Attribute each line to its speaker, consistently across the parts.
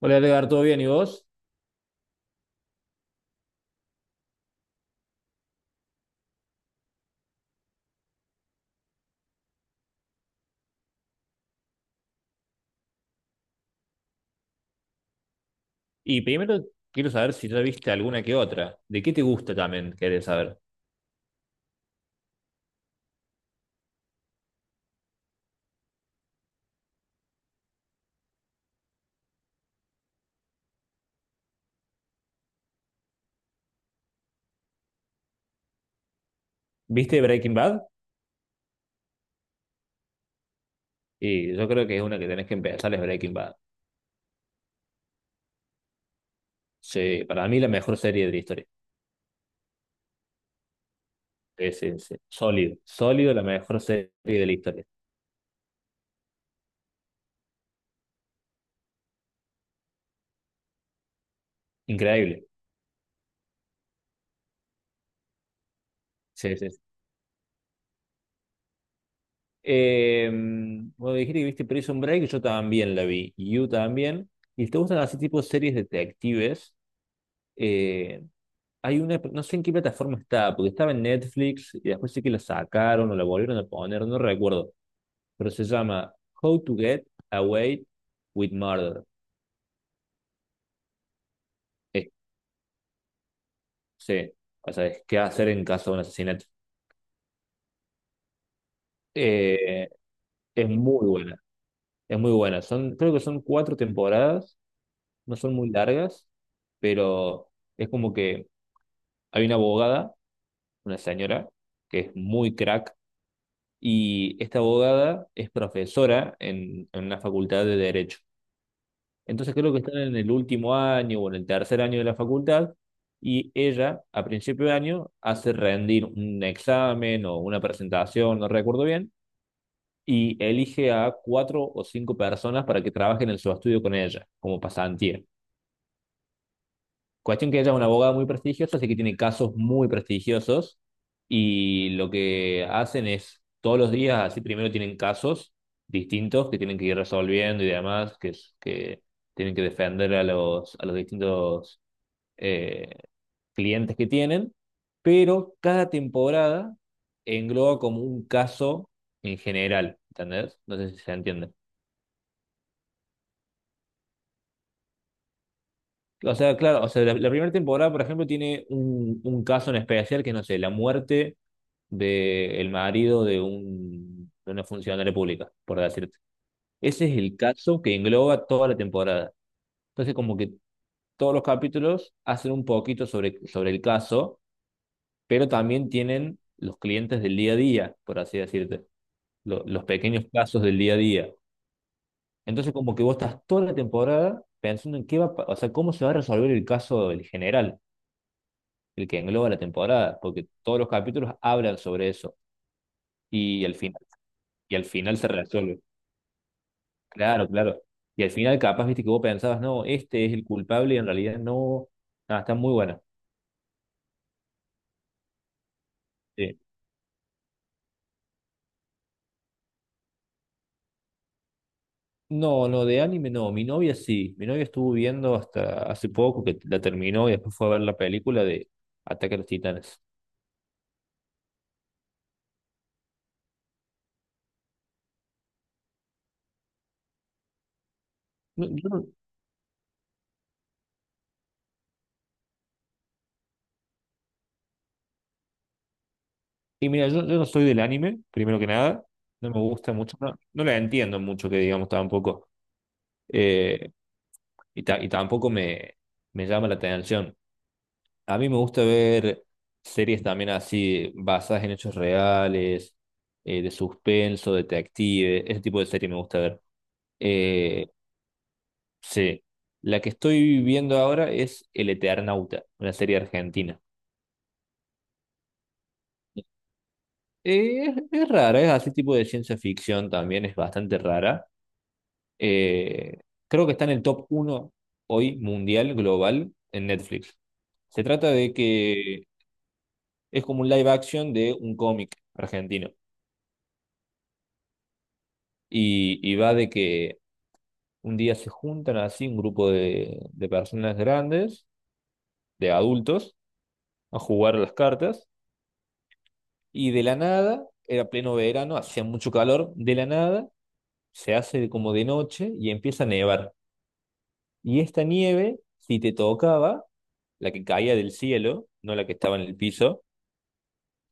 Speaker 1: Hola Edgar, ¿todo bien? ¿Y vos? Y primero quiero saber si ya viste alguna que otra. ¿De qué te gusta también? Querés saber. ¿Viste Breaking Bad? Y yo creo que es una que tenés que empezar, es Breaking Bad. Sí, para mí la mejor serie de la historia. Sí, sí, sí. Sólido, sólido, la mejor serie de la historia. Increíble. Sí, sí, sí. Eh, Vos dijiste que viste Prison Break, yo también la vi. You también. ¿Y te gustan así tipo series detectives? Eh, Hay una, no sé en qué plataforma está, porque estaba en Netflix y después sí que la sacaron o la volvieron a poner, no recuerdo, pero se llama How to Get Away with Murder. Es, sí, o sea, es qué hacer en caso de un asesinato. Eh, es muy buena, es muy buena. Creo que son cuatro temporadas, no son muy largas, pero es como que hay una abogada, una señora, que es muy crack, y esta abogada es profesora en una facultad de Derecho. Entonces creo que están en el último año o en el tercer año de la facultad y ella a principio de año hace rendir un examen o una presentación, no recuerdo bien, y elige a cuatro o cinco personas para que trabajen en su estudio con ella como pasantía. Cuestión que ella es una abogada muy prestigiosa, así que tiene casos muy prestigiosos y lo que hacen es todos los días, así primero tienen casos distintos que tienen que ir resolviendo y demás, que tienen que defender a los distintos eh, clientes que tienen, pero cada temporada engloba como un caso en general, ¿entendés? No sé si se entiende. O sea, claro, o sea, la primera temporada, por ejemplo, tiene un caso en especial que, no sé, la muerte del marido de una funcionaria pública, por decirte. Ese es el caso que engloba toda la temporada. Entonces, como que todos los capítulos hacen un poquito sobre el caso, pero también tienen los clientes del día a día, por así decirte, los pequeños casos del día a día. Entonces, como que vos estás toda la temporada pensando en qué va, o sea, cómo se va a resolver el caso del general, el que engloba la temporada, porque todos los capítulos hablan sobre eso y al final, se resuelve. Claro, claro. Y al final capaz, viste, que vos pensabas, no, este es el culpable y en realidad no. Ah, está muy buena. Sí. No, no, de anime no. Mi novia sí. Mi novia estuvo viendo hasta hace poco que la terminó y después fue a ver la película de Ataque a los Titanes. No, yo no- Y mira, yo no soy del anime, primero que nada. No me gusta mucho. No, no la entiendo mucho, que digamos tampoco. Eh, y tampoco me llama la atención. A mí me gusta ver series también así, basadas en hechos reales, de suspenso, detective, ese tipo de serie me gusta ver. Eh, sí, la que estoy viendo ahora es El Eternauta, una serie argentina. Es rara, es así tipo de ciencia ficción también, es bastante rara. Eh, Creo que está en el top uno hoy mundial, global, en Netflix. Se trata de que es como un live action de un cómic argentino. Y va de que un día se juntan así un grupo de personas grandes, de adultos, a jugar a las cartas. Y de la nada, era pleno verano, hacía mucho calor, de la nada se hace como de noche y empieza a nevar. Y esta nieve, si te tocaba, la que caía del cielo, no la que estaba en el piso,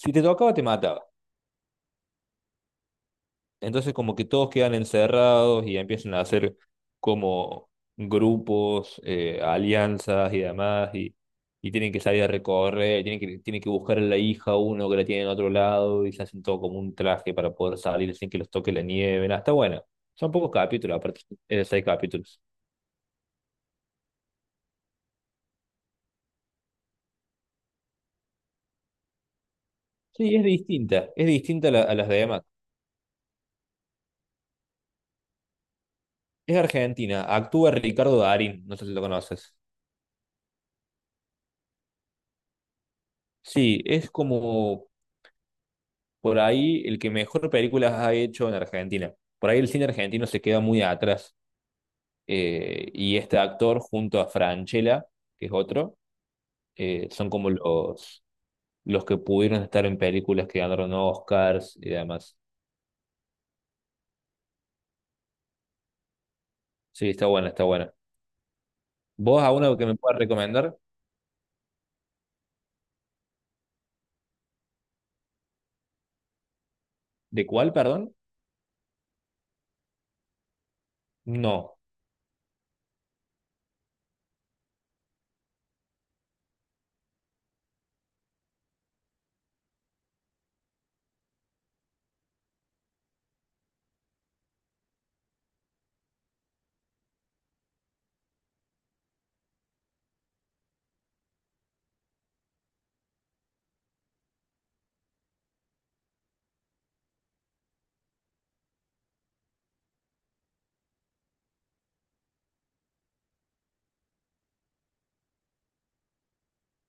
Speaker 1: si te tocaba te mataba. Entonces como que todos quedan encerrados y empiezan a hacer como grupos, alianzas y demás, y, tienen que salir a recorrer, tienen que buscar a la hija uno que la tiene en otro lado y se hacen todo como un traje para poder salir sin que los toque la nieve. Nada, está bueno. Son pocos capítulos, aparte, es de seis capítulos. Sí, es distinta a las demás. Es Argentina, actúa Ricardo Darín, no sé si lo conoces. Sí, es como por ahí el que mejor películas ha hecho en Argentina. Por ahí el cine argentino se queda muy atrás. Y este actor junto a Francella, que es otro, son como los que pudieron estar en películas que ganaron Oscars y demás. Sí, está buena, está buena. ¿Vos a uno que me puedas recomendar? ¿De cuál, perdón? No,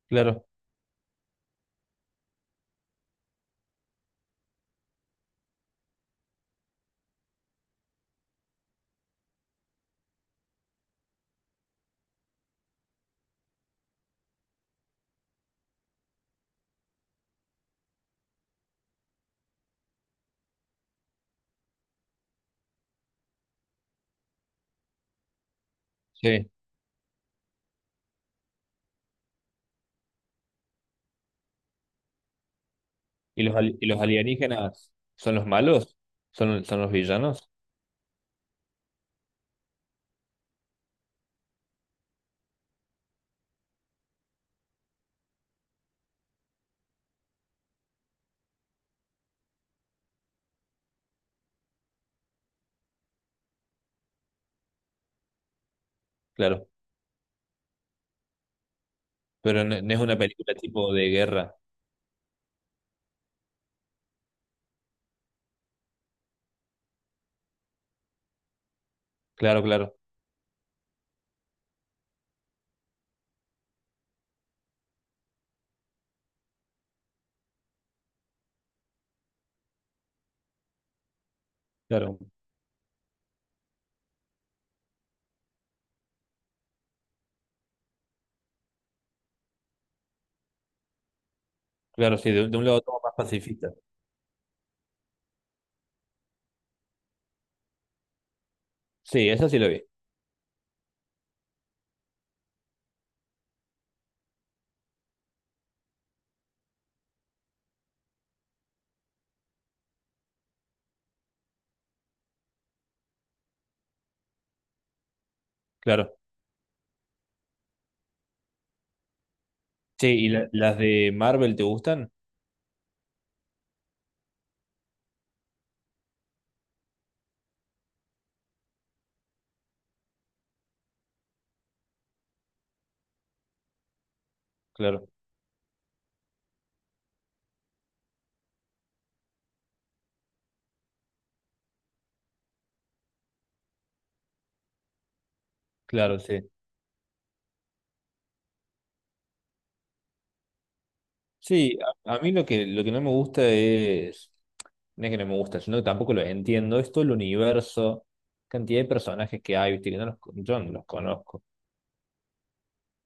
Speaker 1: claro, sí. ¿Y los alienígenas son los malos? ¿Son los villanos? Claro, pero no es una película tipo de guerra. Claro, claro, claro. Claro, sí, de un lado todo más pacifista. Sí, esa sí la vi, claro. Sí, ¿y las de Marvel te gustan? Claro, claro, sí. Sí, a mí lo que no me gusta es, no es que no me gusta, sino que tampoco lo entiendo, es todo el universo, cantidad de personajes que hay, viste, que no los, yo no los conozco,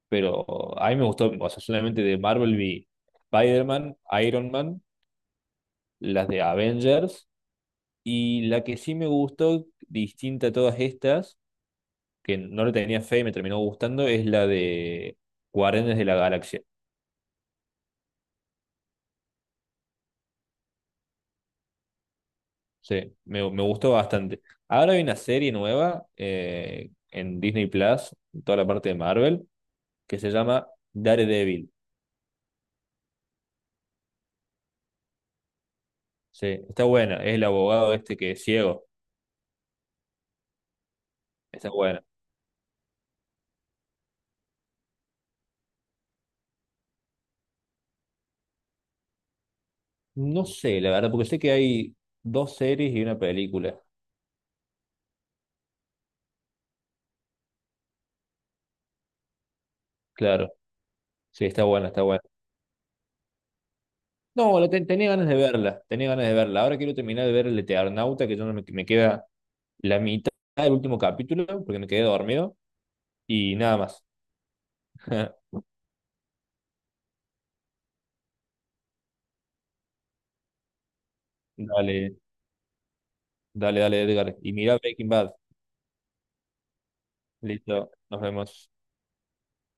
Speaker 1: pero a mí me gustó, o sea, solamente de Marvel vi Spider-Man, Iron Man, las de Avengers, y la que sí me gustó, distinta a todas estas, que no le tenía fe y me terminó gustando es la de Guardianes de la Galaxia. Sí, me gustó bastante. Ahora hay una serie nueva en Disney Plus, en toda la parte de Marvel, que se llama Daredevil. Sí, está buena. Es el abogado este que es ciego. Está buena. No sé, la verdad, porque sé que hay dos series y una película. Claro. Sí, está buena, está buena. No, tenía ganas de verla, tenía ganas de verla. Ahora quiero terminar de ver el Eternauta, que yo no me, me queda la mitad del último capítulo porque me quedé dormido y nada más. Dale, dale, dale, Edgar. Y mira Breaking Bad. Listo, nos vemos.